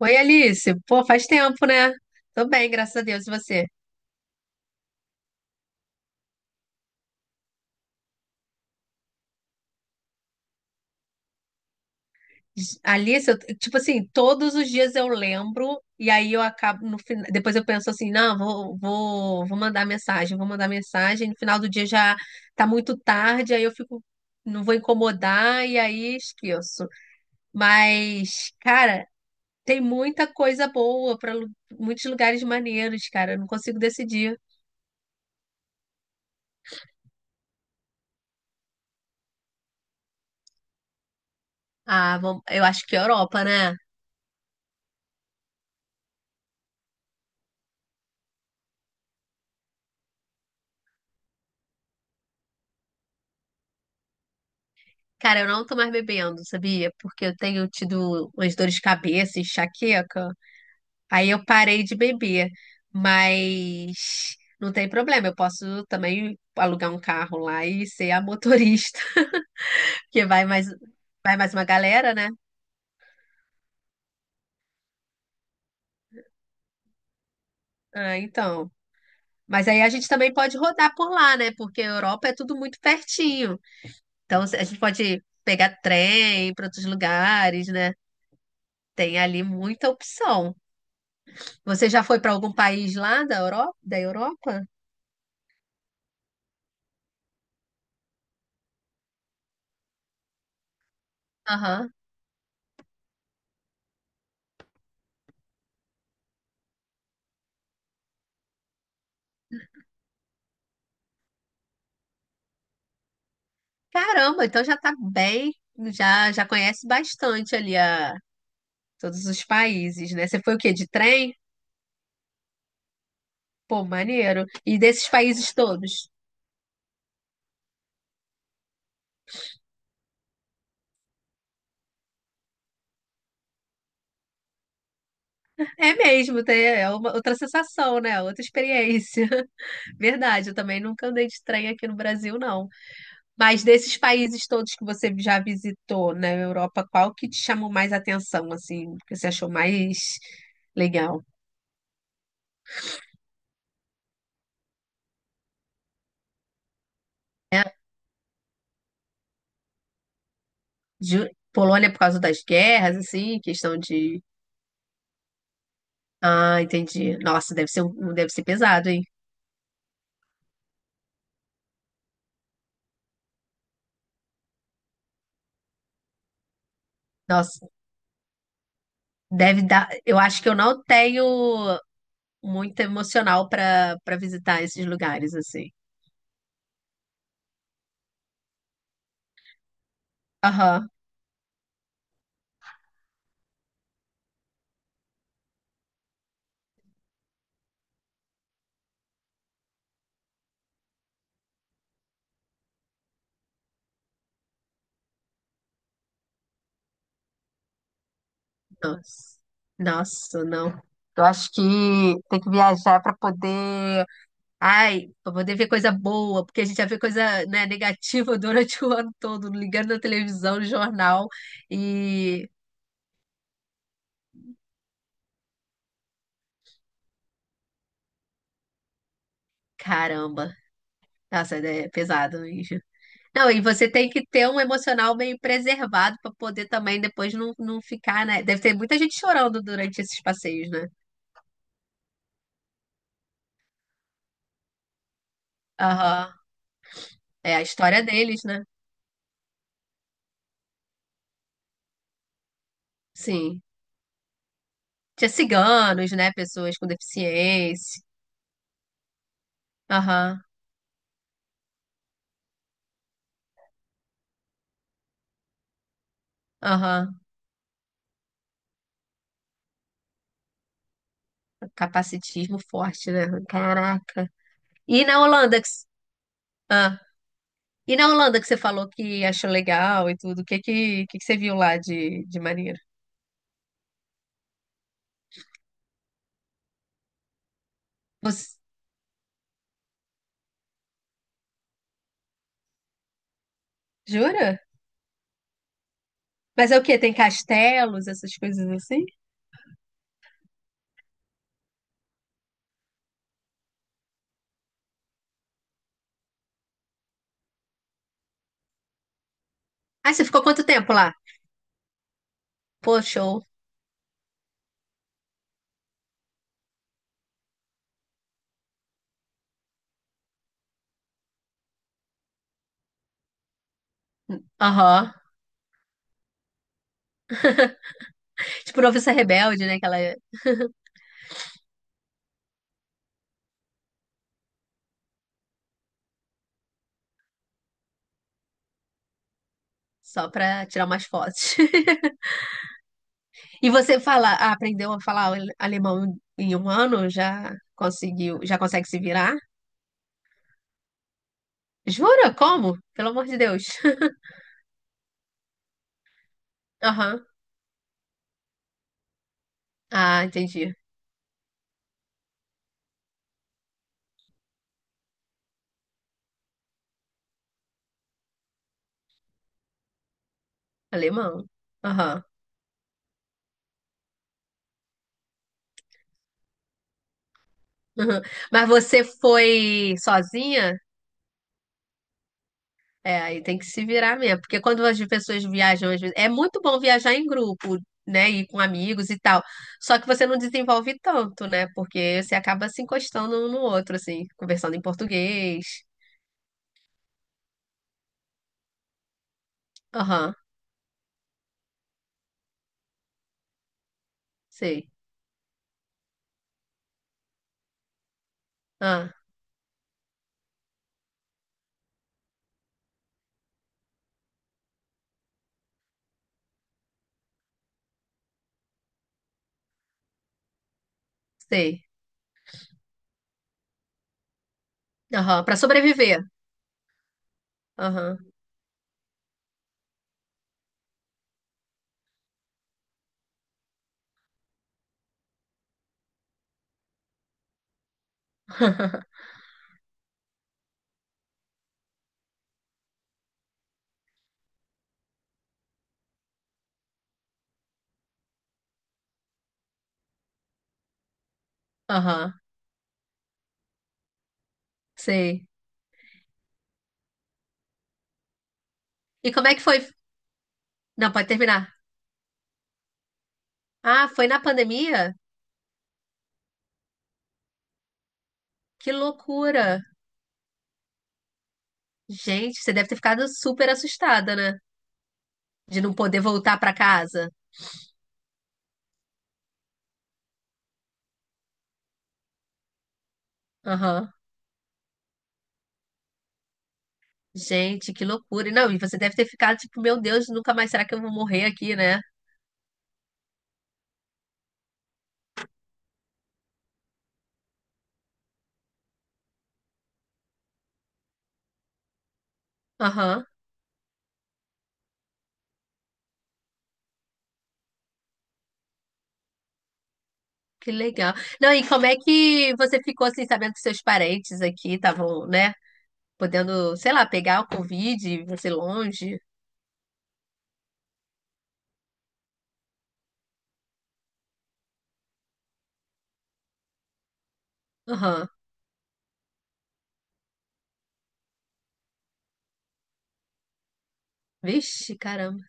Oi, Alice. Pô, faz tempo, né? Tô bem, graças a Deus. E você? Alice, tipo assim, todos os dias eu lembro e aí eu acabo no final, depois eu penso assim, não, vou mandar mensagem, vou mandar mensagem. No final do dia já tá muito tarde, aí eu fico, não vou incomodar e aí esqueço. Mas, cara, tem muita coisa boa para muitos lugares maneiros, cara. Eu não consigo decidir. Ah, vamos, eu acho que é Europa, né? Cara, eu não tô mais bebendo, sabia? Porque eu tenho tido umas dores de cabeça, enxaqueca. Aí eu parei de beber. Mas não tem problema, eu posso também alugar um carro lá e ser a motorista, que vai mais uma galera, né? Ah, então. Mas aí a gente também pode rodar por lá, né? Porque a Europa é tudo muito pertinho. Então a gente pode pegar trem para outros lugares, né? Tem ali muita opção. Você já foi para algum país lá da Europa? Da Europa? Aham. Caramba, então já tá bem, já conhece bastante ali a todos os países, né? Você foi o quê? De trem? Pô, maneiro. E desses países todos? É mesmo, é uma outra sensação, né? Outra experiência. Verdade, eu também nunca andei de trem aqui no Brasil, não. Mas desses países todos que você já visitou na Europa, qual que te chamou mais atenção, assim, que você achou mais legal? Ju- Polônia por causa das guerras, assim, questão de. Ah, entendi. Nossa, deve ser, deve ser pesado, hein? Nossa, deve dar. Eu acho que eu não tenho muito emocional para visitar esses lugares, assim. Aham. Nossa. Nossa, não. Eu acho que tem que viajar para poder. Ai, para poder ver coisa boa, porque a gente já vê coisa, né, negativa durante o ano todo, ligando na televisão, no jornal. E. Caramba. Nossa, é pesado mesmo. Não, e você tem que ter um emocional meio preservado para poder também depois não ficar, né? Deve ter muita gente chorando durante esses passeios, né? Aham. É a história deles, né? Sim. Tinha ciganos, né? Pessoas com deficiência. Aham, aham. Capacitismo forte, né? Caraca. E na Holanda ah. E na Holanda que você falou que achou legal e tudo, o que que você viu lá de maneiro? Você... Jura? Mas é o quê? Tem castelos, essas coisas assim? Ah, você ficou quanto tempo lá? Pô, show. Aham. Tipo, noviça rebelde, né? Que ela é só pra tirar umas fotos. E você fala, ah, aprendeu a falar alemão em um ano? Já conseguiu, já consegue se virar? Jura? Como? Pelo amor de Deus. Aham. Ah, entendi. Alemão. Aham. Aham. Mas você foi sozinha? É, aí tem que se virar mesmo, porque quando as pessoas viajam, às vezes, é muito bom viajar em grupo, né, e com amigos e tal. Só que você não desenvolve tanto, né? Porque você acaba se encostando um no outro, assim, conversando em português. Aham, sei. Ah, sei. Aham, pra sobreviver. Aham. Aham, sei. E como é que foi? Não, pode terminar. Ah, foi na pandemia? Que loucura. Gente, você deve ter ficado super assustada, né? De não poder voltar pra casa. Aham. Gente, que loucura. E não, e você deve ter ficado tipo, meu Deus, nunca mais será que eu vou morrer aqui, né? Aham, que legal. Não, e como é que você ficou assim, sabendo que seus parentes aqui estavam, né? Podendo, sei lá, pegar o Covid, e você longe? Aham. Vixe, caramba.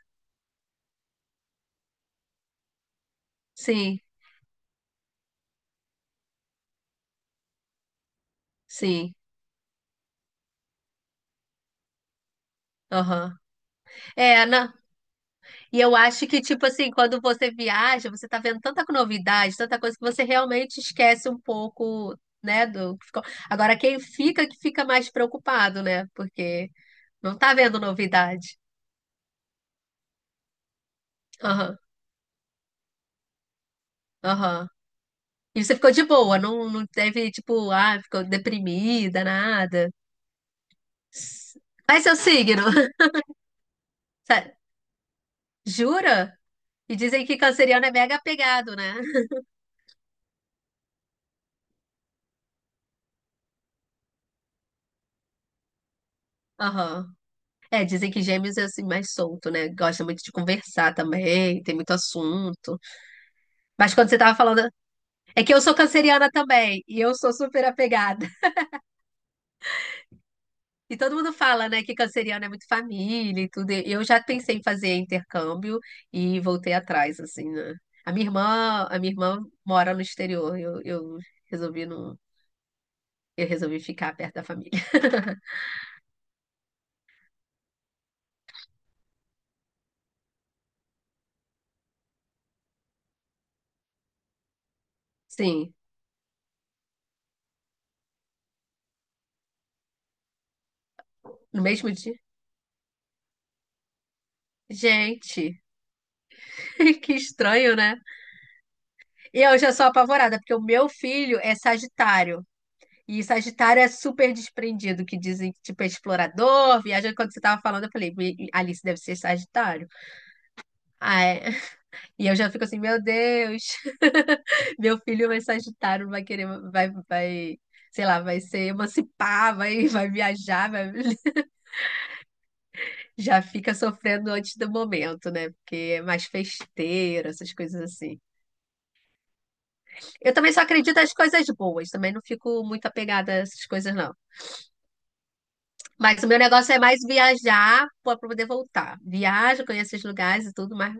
Sim, sim. Aham. É, não. E eu acho que, tipo assim, quando você viaja, você tá vendo tanta novidade, tanta coisa que você realmente esquece um pouco, né, do que ficou. Agora, quem fica, que fica mais preocupado, né? Porque não tá vendo novidade. Aham, aham. E você ficou de boa, não, não teve, tipo, ah, ficou deprimida, nada. S- Qual é seu signo? Sa- Jura? E dizem que canceriano é mega apegado, né? Aham. É, dizem que gêmeos é assim mais solto, né? Gosta muito de conversar também, tem muito assunto. Mas quando você tava falando. É que eu sou canceriana também, e eu sou super apegada. E todo mundo fala, né, que canceriano é muito família e tudo. E eu já pensei em fazer intercâmbio e voltei atrás, assim, né? A minha irmã mora no exterior. Eu resolvi não, eu resolvi ficar perto da família. Sim, no mesmo dia. Gente, que estranho, né? E eu já sou apavorada, porque o meu filho é Sagitário. E Sagitário é super desprendido, que dizem que tipo é explorador, viaja. Quando você tava falando, eu falei, Alice deve ser Sagitário. Ah, é. E eu já fico assim, meu Deus, meu filho vai Sagitário, vai querer, sei lá, vai se emancipar, vai, vai viajar, vai... já fica sofrendo antes do momento, né? Porque é mais festeira, essas coisas assim. Eu também só acredito nas coisas boas, também não fico muito apegada a essas coisas, não. Mas o meu negócio é mais viajar para poder voltar. Viajo, conheço os lugares e tudo, mas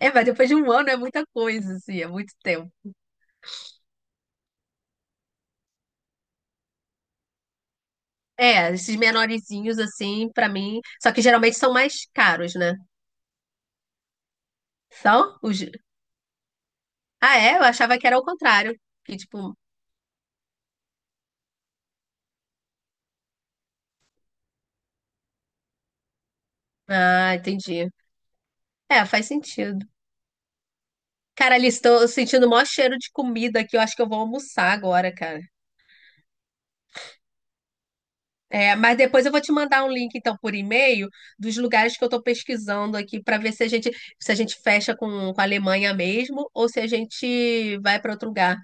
é, mas depois de um ano é muita coisa, assim, é muito tempo. É, esses menorzinhos assim, pra mim, só que geralmente são mais caros, né? São os ah, é, eu achava que era o contrário, que tipo, ah, entendi. É, faz sentido. Cara, ali estou sentindo o maior cheiro de comida aqui, eu acho que eu vou almoçar agora, cara. É, mas depois eu vou te mandar um link, então, por e-mail, dos lugares que eu estou pesquisando aqui para ver se a gente, se a gente fecha com a Alemanha mesmo ou se a gente vai para outro lugar.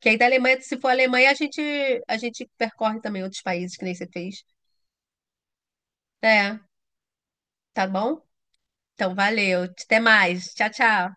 Que aí da Alemanha, se for a Alemanha, a gente percorre também outros países que nem você fez. É, tá bom? Então, valeu. Até mais. Tchau, tchau.